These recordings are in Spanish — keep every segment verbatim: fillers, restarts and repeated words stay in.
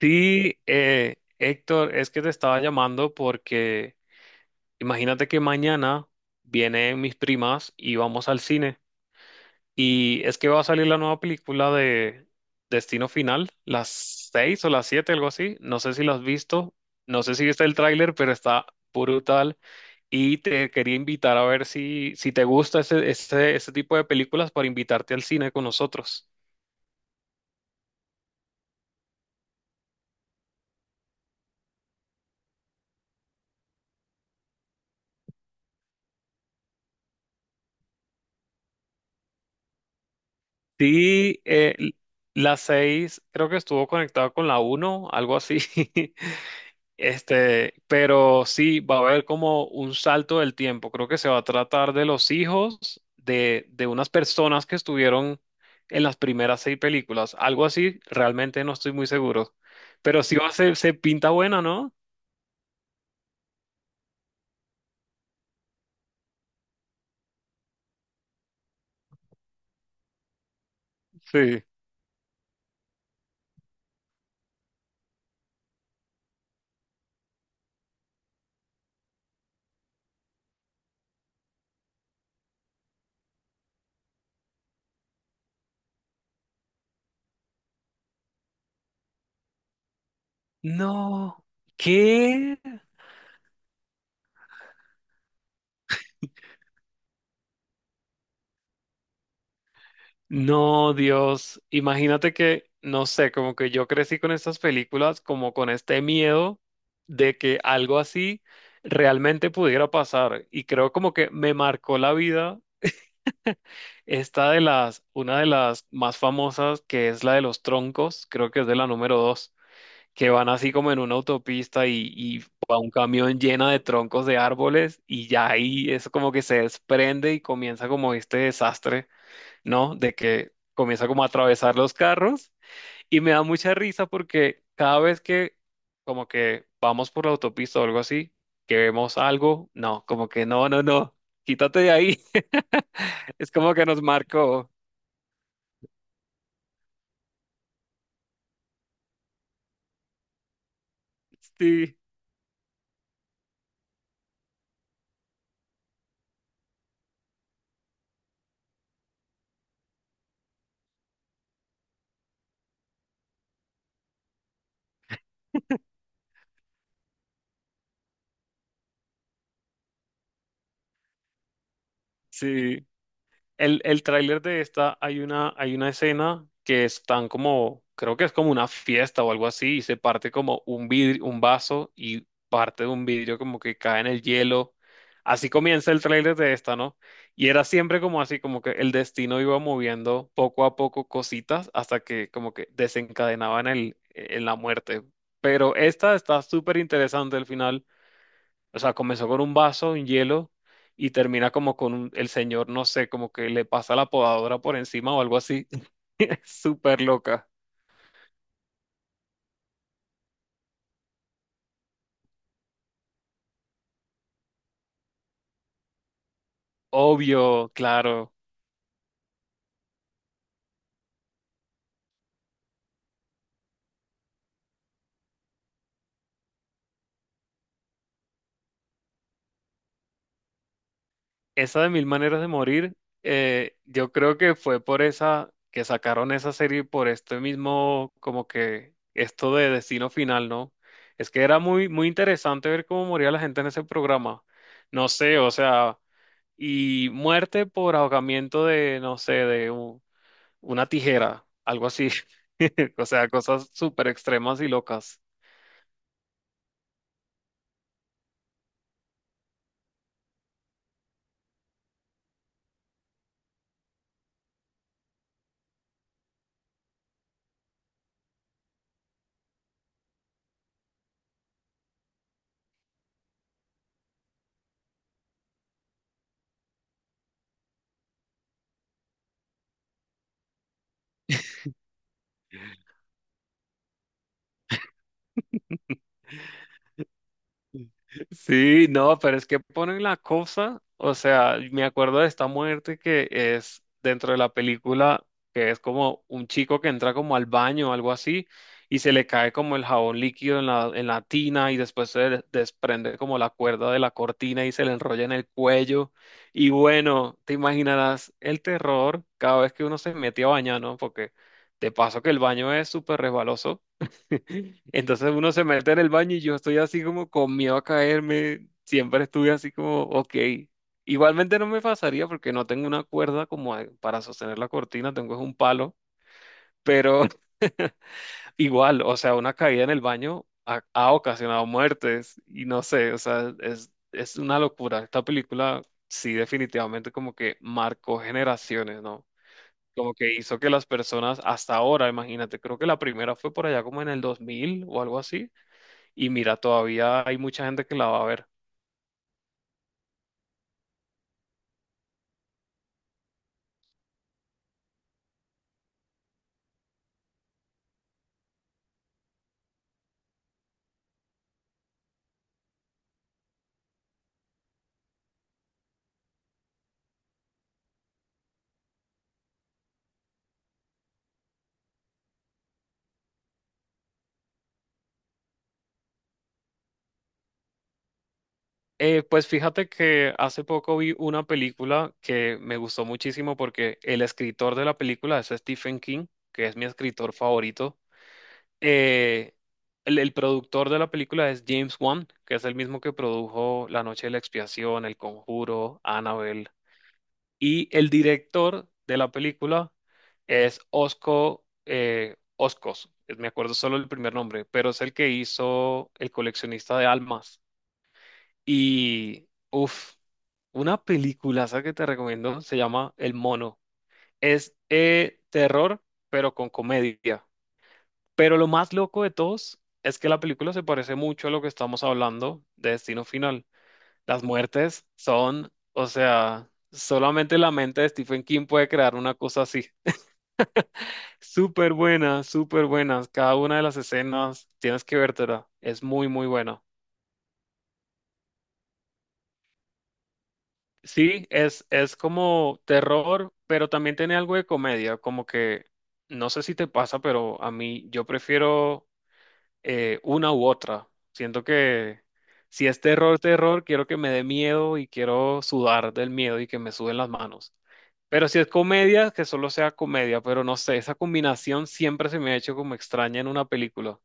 Sí, eh, Héctor, es que te estaba llamando porque imagínate que mañana vienen mis primas y vamos al cine. Y es que va a salir la nueva película de Destino Final, las seis o las siete, algo así. No sé si lo has visto, no sé si viste el tráiler, pero está brutal. Y te quería invitar a ver si, si te gusta ese, ese, ese tipo de películas para invitarte al cine con nosotros. Sí, eh, la seis creo que estuvo conectada con la uno, algo así. Este, pero sí, va a haber como un salto del tiempo. Creo que se va a tratar de los hijos de, de unas personas que estuvieron en las primeras seis películas. Algo así, realmente no estoy muy seguro. Pero sí va a ser, se pinta buena, ¿no? Sí. No, ¿qué? No, Dios, imagínate que, no sé, como que yo crecí con estas películas, como con este miedo de que algo así realmente pudiera pasar. Y creo como que me marcó la vida esta de las, una de las más famosas, que es la de los troncos, creo que es de la número dos, que van así como en una autopista y, y va un camión llena de troncos de árboles y ya ahí eso como que se desprende y comienza como este desastre, ¿no? De que comienza como a atravesar los carros y me da mucha risa porque cada vez que como que vamos por la autopista o algo así, que vemos algo, no, como que no, no, no, quítate de ahí. Es como que nos marcó. Sí, sí. El, el tráiler de esta, hay una, hay una escena que están como, creo que es como una fiesta o algo así, y se parte como un vidrio, un vaso y parte de un vidrio como que cae en el hielo. Así comienza el tráiler de esta, ¿no? Y era siempre como así, como que el destino iba moviendo poco a poco cositas hasta que como que desencadenaban el, en la muerte. Pero esta está súper interesante al final, o sea, comenzó con un vaso, un hielo, y termina como con un- el señor, no sé, como que le pasa la podadora por encima o algo así. Es súper loca. Obvio, claro. Esa de Mil Maneras de Morir, eh, yo creo que fue por esa que sacaron esa serie por este mismo, como que esto de Destino Final, ¿no? Es que era muy, muy interesante ver cómo moría la gente en ese programa. No sé, o sea, y muerte por ahogamiento de, no sé, de un una tijera, algo así. O sea, cosas súper extremas y locas. Sí, no, pero es que ponen la cosa, o sea, me acuerdo de esta muerte que es dentro de la película, que es como un chico que entra como al baño o algo así, y se le cae como el jabón líquido en la, en la tina y después se de- desprende como la cuerda de la cortina y se le enrolla en el cuello. Y bueno, te imaginarás el terror cada vez que uno se mete a bañar, ¿no? Porque de paso que el baño es súper resbaloso. Entonces uno se mete en el baño y yo estoy así como con miedo a caerme. Siempre estuve así como, ok. Igualmente no me pasaría porque no tengo una cuerda como a- para sostener la cortina, tengo es un palo. Pero igual, o sea, una caída en el baño ha, ha ocasionado muertes y no sé, o sea, es, es una locura. Esta película sí definitivamente como que marcó generaciones, ¿no? Como que hizo que las personas hasta ahora, imagínate, creo que la primera fue por allá como en el dos mil o algo así y mira, todavía hay mucha gente que la va a ver. Eh, pues fíjate que hace poco vi una película que me gustó muchísimo porque el escritor de la película es Stephen King, que es mi escritor favorito. Eh, el, el productor de la película es James Wan, que es el mismo que produjo La Noche de la Expiación, El Conjuro, Annabelle. Y el director de la película es Osco, eh, Oscos, eh, me acuerdo solo el primer nombre, pero es el que hizo El coleccionista de almas. Y, uff, una película que te recomiendo se llama El Mono. Es eh, terror, pero con comedia. Pero lo más loco de todos es que la película se parece mucho a lo que estamos hablando de Destino Final. Las muertes son, o sea, solamente la mente de Stephen King puede crear una cosa así. Súper buena, súper buenas. Cada una de las escenas tienes que vértela. Es muy, muy buena. Sí, es, es como terror, pero también tiene algo de comedia, como que no sé si te pasa, pero a mí yo prefiero eh, una u otra. Siento que si es terror, terror, quiero que me dé miedo y quiero sudar del miedo y que me suden las manos. Pero si es comedia, que solo sea comedia, pero no sé, esa combinación siempre se me ha hecho como extraña en una película.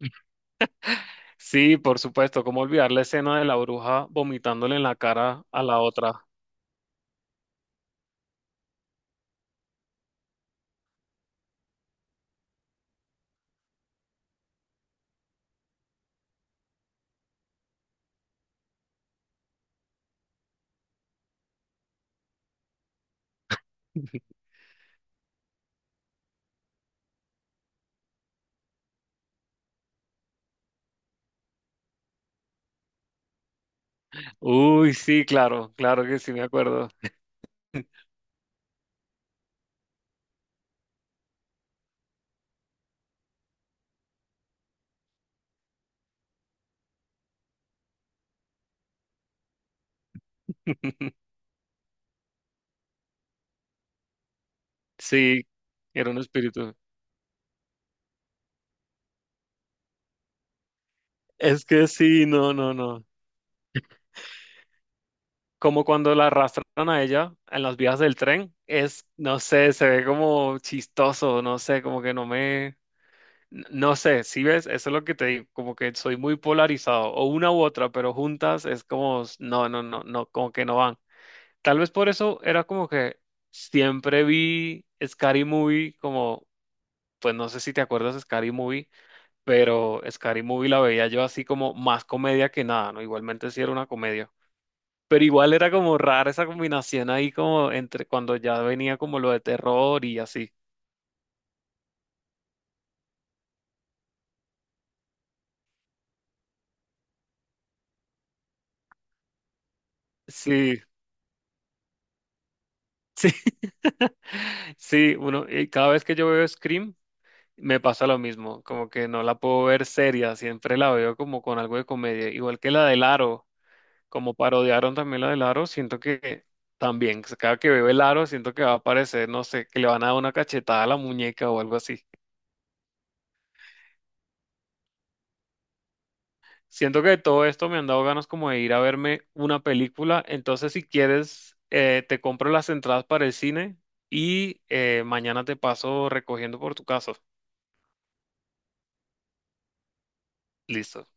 Sí, por supuesto, cómo olvidar la escena de la bruja vomitándole en la cara a la otra. Uy, sí, claro, claro que sí me acuerdo. Sí, era un espíritu. Es que sí, no, no, no, como cuando la arrastran a ella en las vías del tren, es, no sé, se ve como chistoso, no sé, como que no me, no sé, si ves, eso es lo que te digo, como que soy muy polarizado, o una u otra, pero juntas es como, no, no, no, no, como que no van. Tal vez por eso era como que siempre vi Scary Movie como, pues no sé si te acuerdas de Scary Movie, pero Scary Movie la veía yo así como más comedia que nada, ¿no? Igualmente sí era una comedia. Pero igual era como rara esa combinación ahí como entre cuando ya venía como lo de terror y así. Sí, sí, sí, uno, y cada vez que yo veo Scream me pasa lo mismo, como que no la puedo ver seria, siempre la veo como con algo de comedia, igual que la del Aro, como parodiaron también la del Aro, siento que también, pues, cada que veo el Aro siento que va a aparecer, no sé, que le van a dar una cachetada a la muñeca o algo así. Siento que todo esto me han dado ganas como de ir a verme una película. Entonces, si quieres, eh, te compro las entradas para el cine y eh, mañana te paso recogiendo por tu casa. Listo.